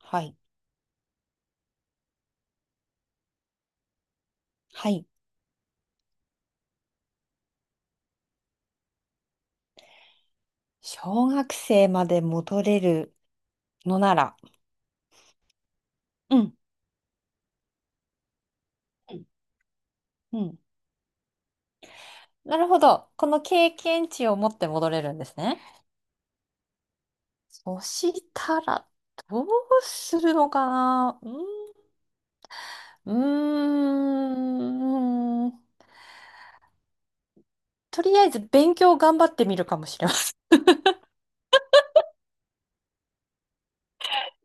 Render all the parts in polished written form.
はい。はい。小学生まで戻れるのなら。うん。うんうん。なるほど。この経験値を持って戻れるんですね。そしたら、どうするのかな。うん。とりあえず勉強頑張ってみるかもしれませ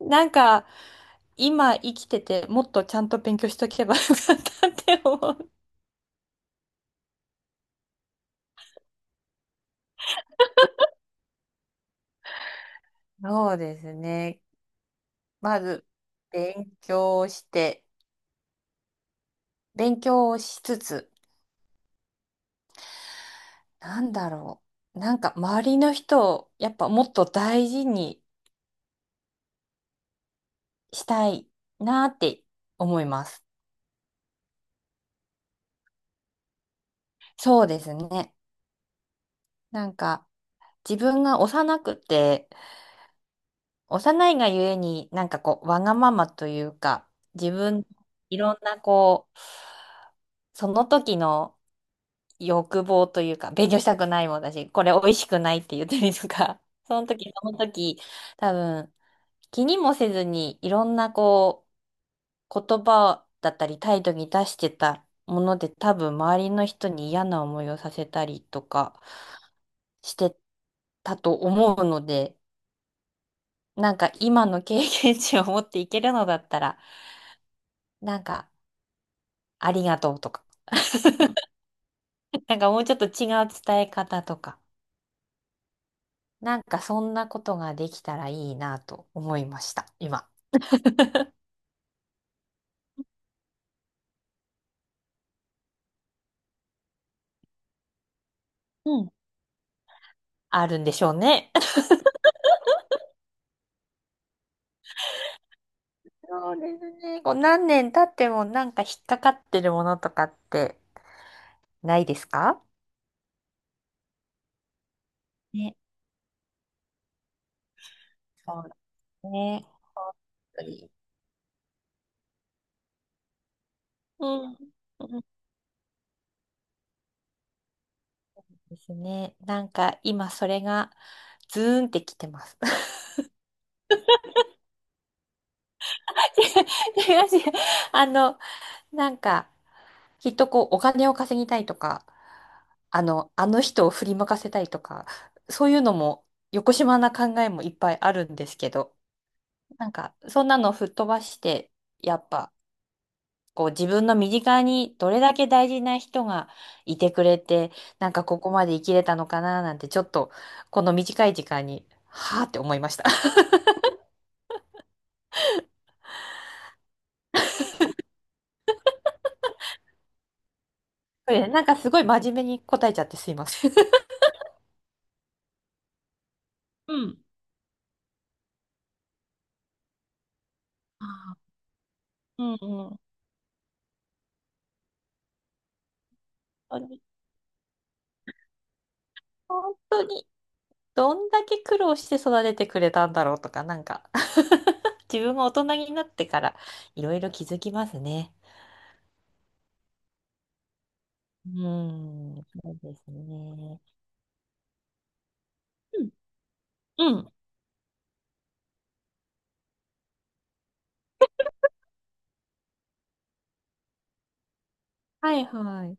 ん。なんか、今生きてて、もっとちゃんと勉強しとけばよかったって思う。そうですね。まず、勉強して、勉強をしつつ、なんだろう。なんか周りの人をやっぱもっと大事にしたいなって思います。そうですね。なんか自分が幼くて、幼いがゆえになんかこうわがままというか、自分いろんなこう、その時の欲望というか、勉強したくないもんだし、これ美味しくないって言ったりとか、その時その時多分気にもせずにいろんなこう言葉だったり態度に出してたもので多分周りの人に嫌な思いをさせたりとかしてたと思うのでなんか今の経験値を持っていけるのだったらなんかありがとうとか なんかもうちょっと違う伝え方とかなんかそんなことができたらいいなと思いました今。うん。あるんでしょうね。そうですね。こう何年経ってもなんか引っかかってるものとかってないですかね。そうだね。うん。うん、ですね。なんか今それがズーンってきてます。違う違うあの、なんかきっとこうお金を稼ぎたいとか、あの人を振りまかせたいとか、そういうのも横島な考えもいっぱいあるんですけど、なんかそんなの吹っ飛ばして、やっぱこう自分の身近にどれだけ大事な人がいてくれて、なんかここまで生きれたのかななんてちょっとこの短い時間に、はーって思いました。これねなんかすごい真面目に答えちゃってすいません。うん。あーうんうん。本当に、本当にどんだけ苦労して育ててくれたんだろうとか、なんか 自分が大人になってからいろいろ気づきますね。うん、そうですね。うんうん。はいはい。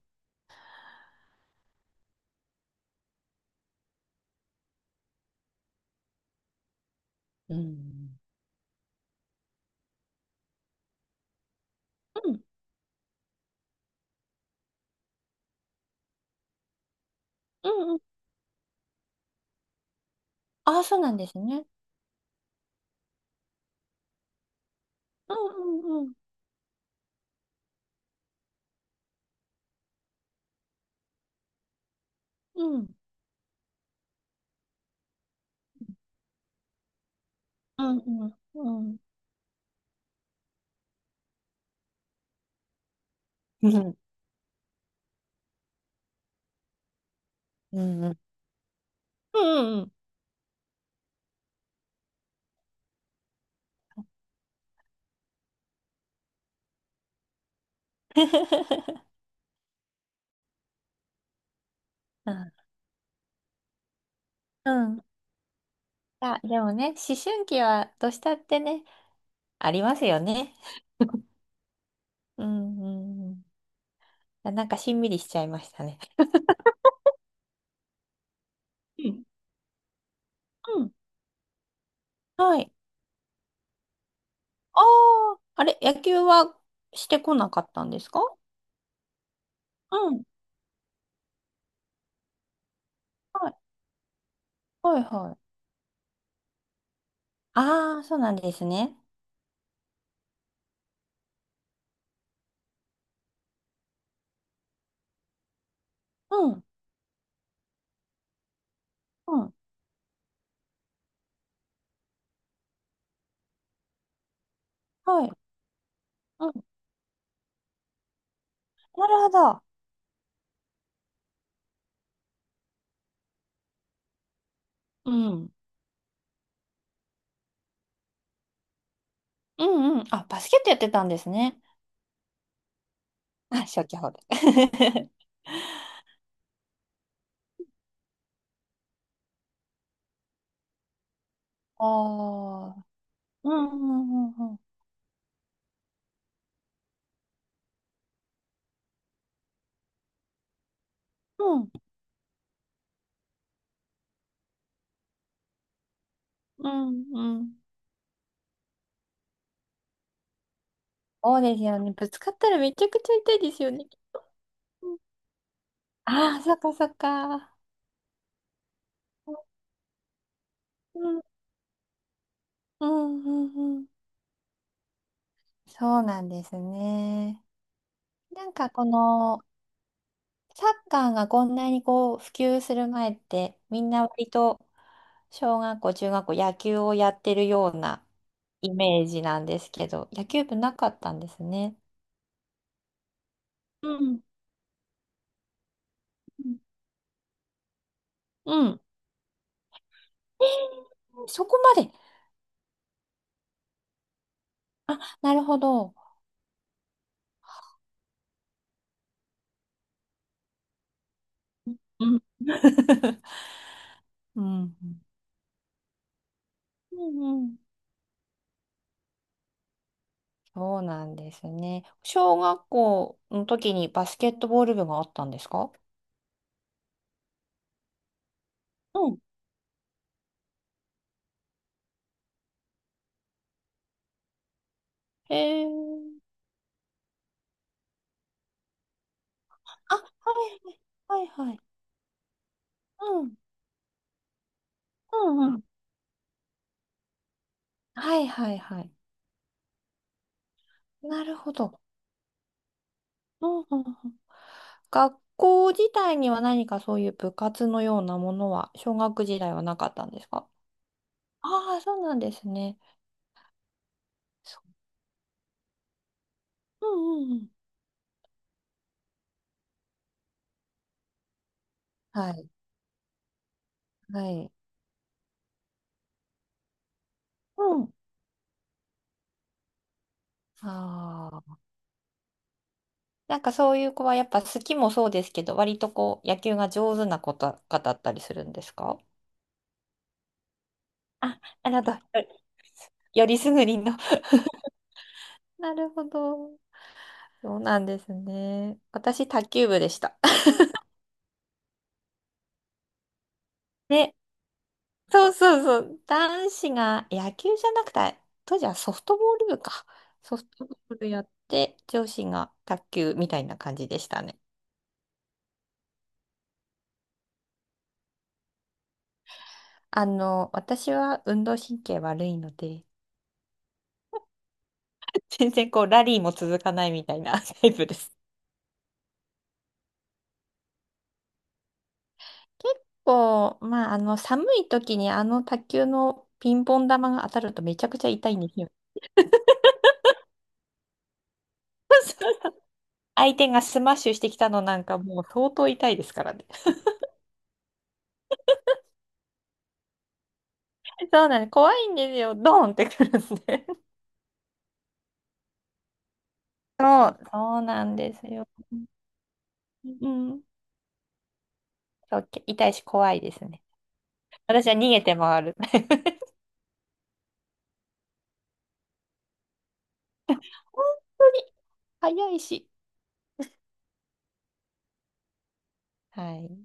うん。うんうんうん。ああ、そうなんですね。うんうんうん。うん。うんうんうん。うん。うんうん。うんうん。うん。うん、あ、でもね、思春期はどうしたってね、ありますよね。うんうんうん。あ、なんかしんみりしちゃいましたね。うん。うん。はい。ああ、あれ、野球はしてこなかったんですか？うん。はい。はいはい。ああ、そうなんですね。うん。うん。はい。うん。なるほど。うん。うんうん。あ、バスケットやってたんですね。あ、消去法で。ああ。うんうんうんうん。うんうんうん。そうですよね。ぶつかったらめちゃくちゃ痛いですよね。ああー、そっかそっか。うんうんうんうん。そうなんですね。なんかこのサッカーがこんなにこう普及する前ってみんな割と小学校、中学校野球をやってるようなイメージなんですけど、野球部なかったんですね。うん。うん。そこまで。あ、なるほど。うん。うん。うんうん。そうなんですね。小学校の時にバスケットボール部があったんですか？うん。へえ。あ、はいはい。はいはい。うん。うん、はいはいはい。なるほど。うんうんうん。学校自体には何かそういう部活のようなものは、小学時代はなかったんですか？ああー、そうなんですね。そう、んうんうん。はい。はい。うん。ああ。なんかそういう子はやっぱ好きもそうですけど、割とこう、野球が上手な子とかだったりするんですか？あ、なるほど。よりすぐりの。なるほど。そうなんですね。私、卓球部でした。ね、そうそうそう。男子が野球じゃなくて、当時はソフトボール部か。ソフトボールやって、女子が卓球みたいな感じでしたね。あの、私は運動神経悪いので、全然こうラリーも続かないみたいな タイプです。結構、まあ、あの、寒い時にあの卓球のピンポン玉が当たるとめちゃくちゃ痛いんですよ。相手がスマッシュしてきたのなんかもう相当痛いですからね。そうなんです。怖いんですよ。ドーンってくるんで。そう、そうなんですよ。うん。そう、痛いし怖いですね。私は逃げて回る。本当に早いし。はい。